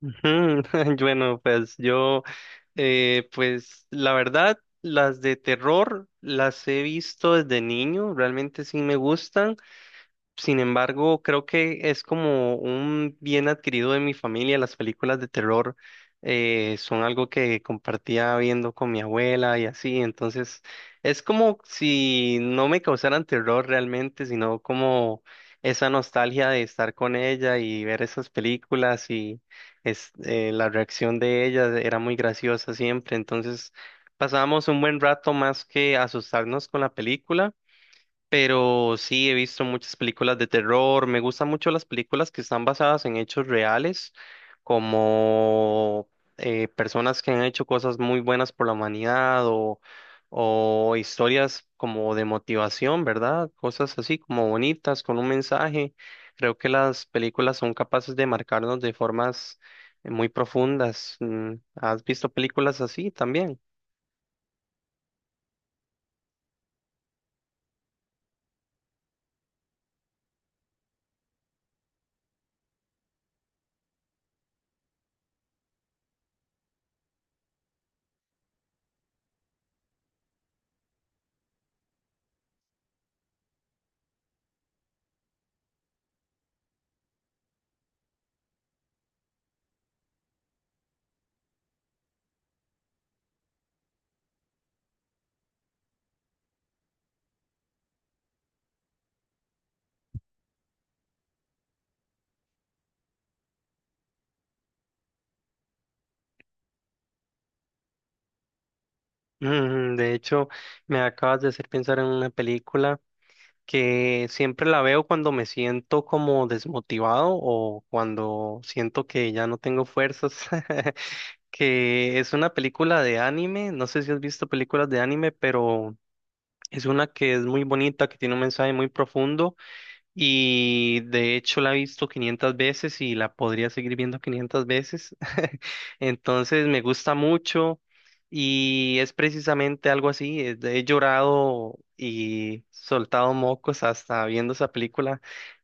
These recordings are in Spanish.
Mm, Bueno, pues yo, pues la verdad, las de terror las he visto desde niño, realmente sí me gustan. Sin embargo, creo que es como un bien adquirido de mi familia. Las películas de terror son algo que compartía viendo con mi abuela y así. Entonces, es como si no me causaran terror realmente, sino como esa nostalgia de estar con ella y ver esas películas y la reacción de ella era muy graciosa siempre. Entonces, pasamos un buen rato más que asustarnos con la película, pero sí, he visto muchas películas de terror. Me gustan mucho las películas que están basadas en hechos reales, como personas que han hecho cosas muy buenas por la humanidad o historias como de motivación, ¿verdad? Cosas así como bonitas, con un mensaje. Creo que las películas son capaces de marcarnos de formas muy profundas. Mm, ¿has visto películas así también? Mm, de hecho, me acabas de hacer pensar en una película, que siempre la veo cuando me siento como desmotivado o cuando siento que ya no tengo fuerzas, que es una película de anime, no sé si has visto películas de anime, pero es una que es muy bonita, que tiene un mensaje muy profundo y de hecho la he visto 500 veces y la podría seguir viendo 500 veces. Entonces me gusta mucho y es precisamente algo así. Es He llorado y soltado mocos hasta viendo esa película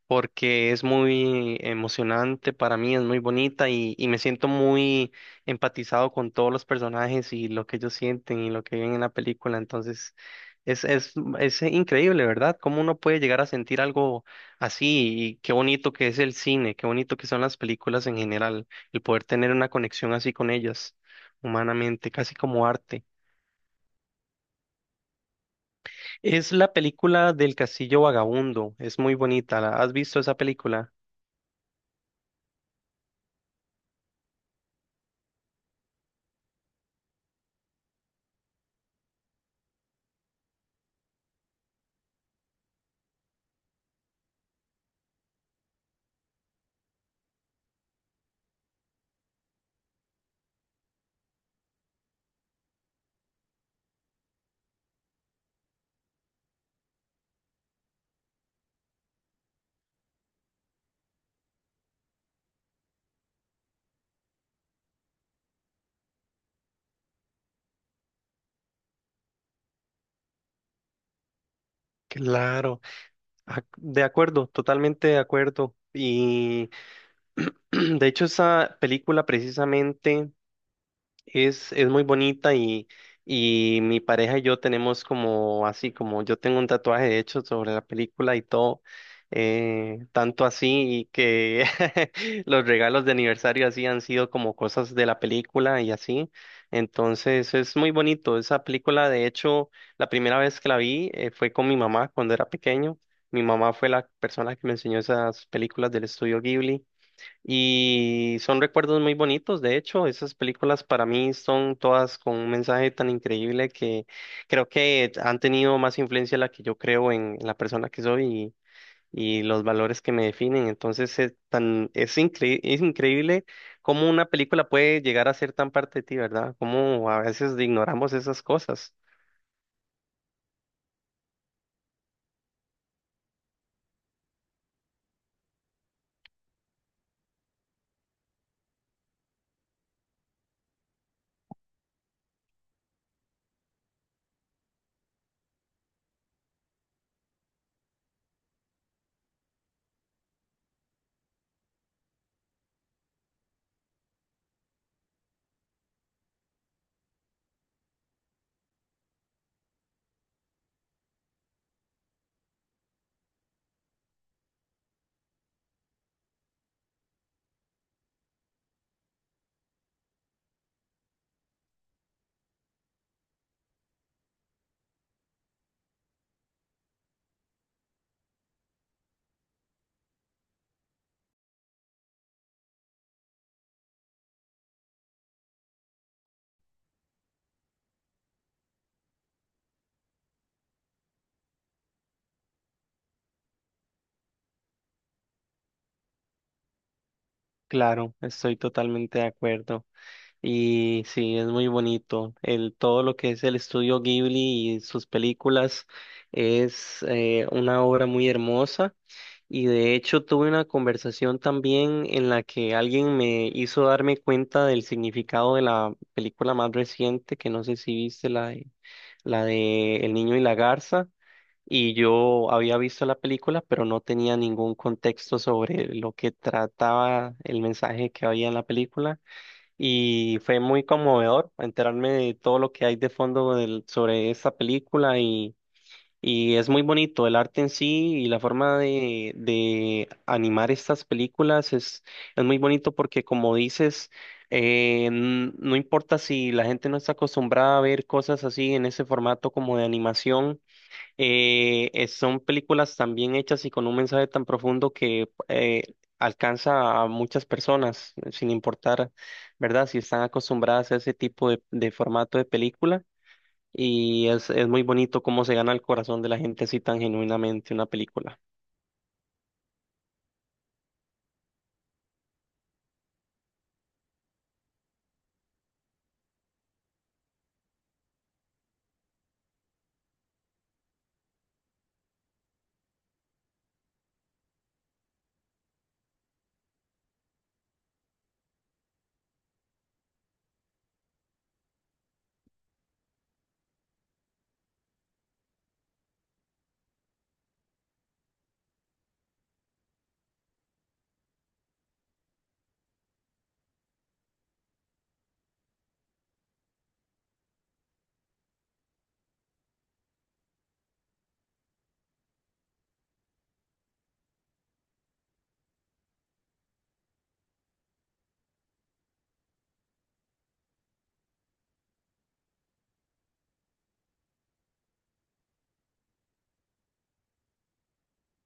porque es muy emocionante para mí, es muy bonita y me siento muy empatizado con todos los personajes y lo que ellos sienten y lo que ven en la película. Entonces es, es, es increíble, ¿verdad? Cómo uno puede llegar a sentir algo así, y qué bonito que es el cine, qué bonito que son las películas en general, el poder tener una conexión así con ellas, humanamente, casi como arte. Es la película del Castillo Vagabundo, es muy bonita, ¿has visto esa película? Claro, de acuerdo, totalmente de acuerdo. Y de hecho esa película precisamente... Es muy bonita y mi pareja y yo tenemos como así, como yo tengo un tatuaje hecho sobre la película y todo, tanto así y que los regalos de aniversario así han sido como cosas de la película y así. Entonces es muy bonito. Esa película, de hecho, la primera vez que la vi fue con mi mamá cuando era pequeño. Mi mamá fue la persona que me enseñó esas películas del estudio Ghibli. Y son recuerdos muy bonitos, de hecho, esas películas para mí son todas con un mensaje tan increíble que creo que han tenido más influencia la que yo creo la persona que soy y los valores que me definen. Entonces es increíble cómo una película puede llegar a ser tan parte de ti, ¿verdad? Cómo a veces ignoramos esas cosas. Claro, estoy totalmente de acuerdo. Y sí, es muy bonito. Todo lo que es el estudio Ghibli y sus películas es una obra muy hermosa. Y de hecho tuve una conversación también en la que alguien me hizo darme cuenta del significado de la película más reciente, que no sé si viste la de El niño y la garza. Y yo había visto la película, pero no tenía ningún contexto sobre lo que trataba el mensaje que había en la película y fue muy conmovedor enterarme de todo lo que hay de fondo sobre esta película y es muy bonito el arte en sí y la forma de animar estas películas es muy bonito porque como dices, no importa si la gente no está acostumbrada a ver cosas así en ese formato como de animación. Son películas tan bien hechas y con un mensaje tan profundo que alcanza a muchas personas, sin importar, ¿verdad? Si están acostumbradas a ese tipo de formato de película. Es muy bonito cómo se gana el corazón de la gente así tan genuinamente una película.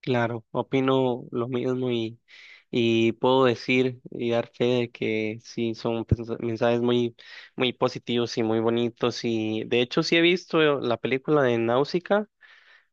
Claro, opino lo mismo y puedo decir y dar fe de que sí, son mensajes muy positivos y muy bonitos. Y de hecho sí he visto la película de Náusica.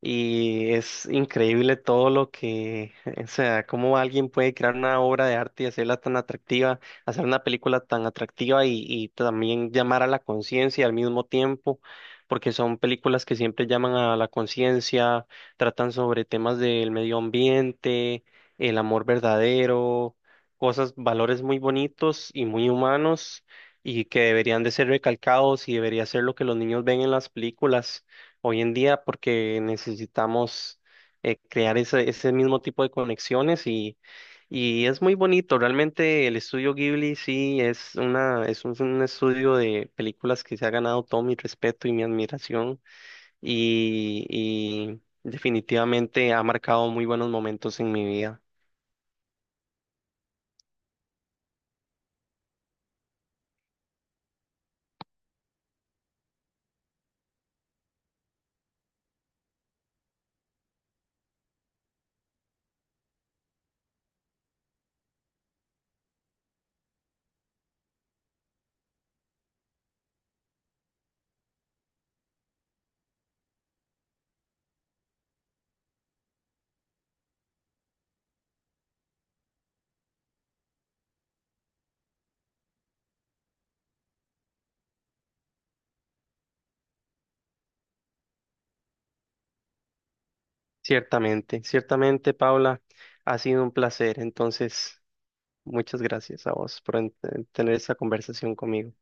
Y es increíble todo lo que, o sea, cómo alguien puede crear una obra de arte y hacerla tan atractiva, hacer una película tan atractiva y también llamar a la conciencia al mismo tiempo, porque son películas que siempre llaman a la conciencia, tratan sobre temas del medio ambiente, el amor verdadero, cosas, valores muy bonitos y muy humanos y que deberían de ser recalcados y debería ser lo que los niños ven en las películas hoy en día porque necesitamos crear ese mismo tipo de conexiones y es muy bonito. Realmente el estudio Ghibli sí es una, es un estudio de películas que se ha ganado todo mi respeto y mi admiración y definitivamente ha marcado muy buenos momentos en mi vida. Ciertamente, ciertamente, Paula, ha sido un placer. Entonces, muchas gracias a vos por tener esta conversación conmigo.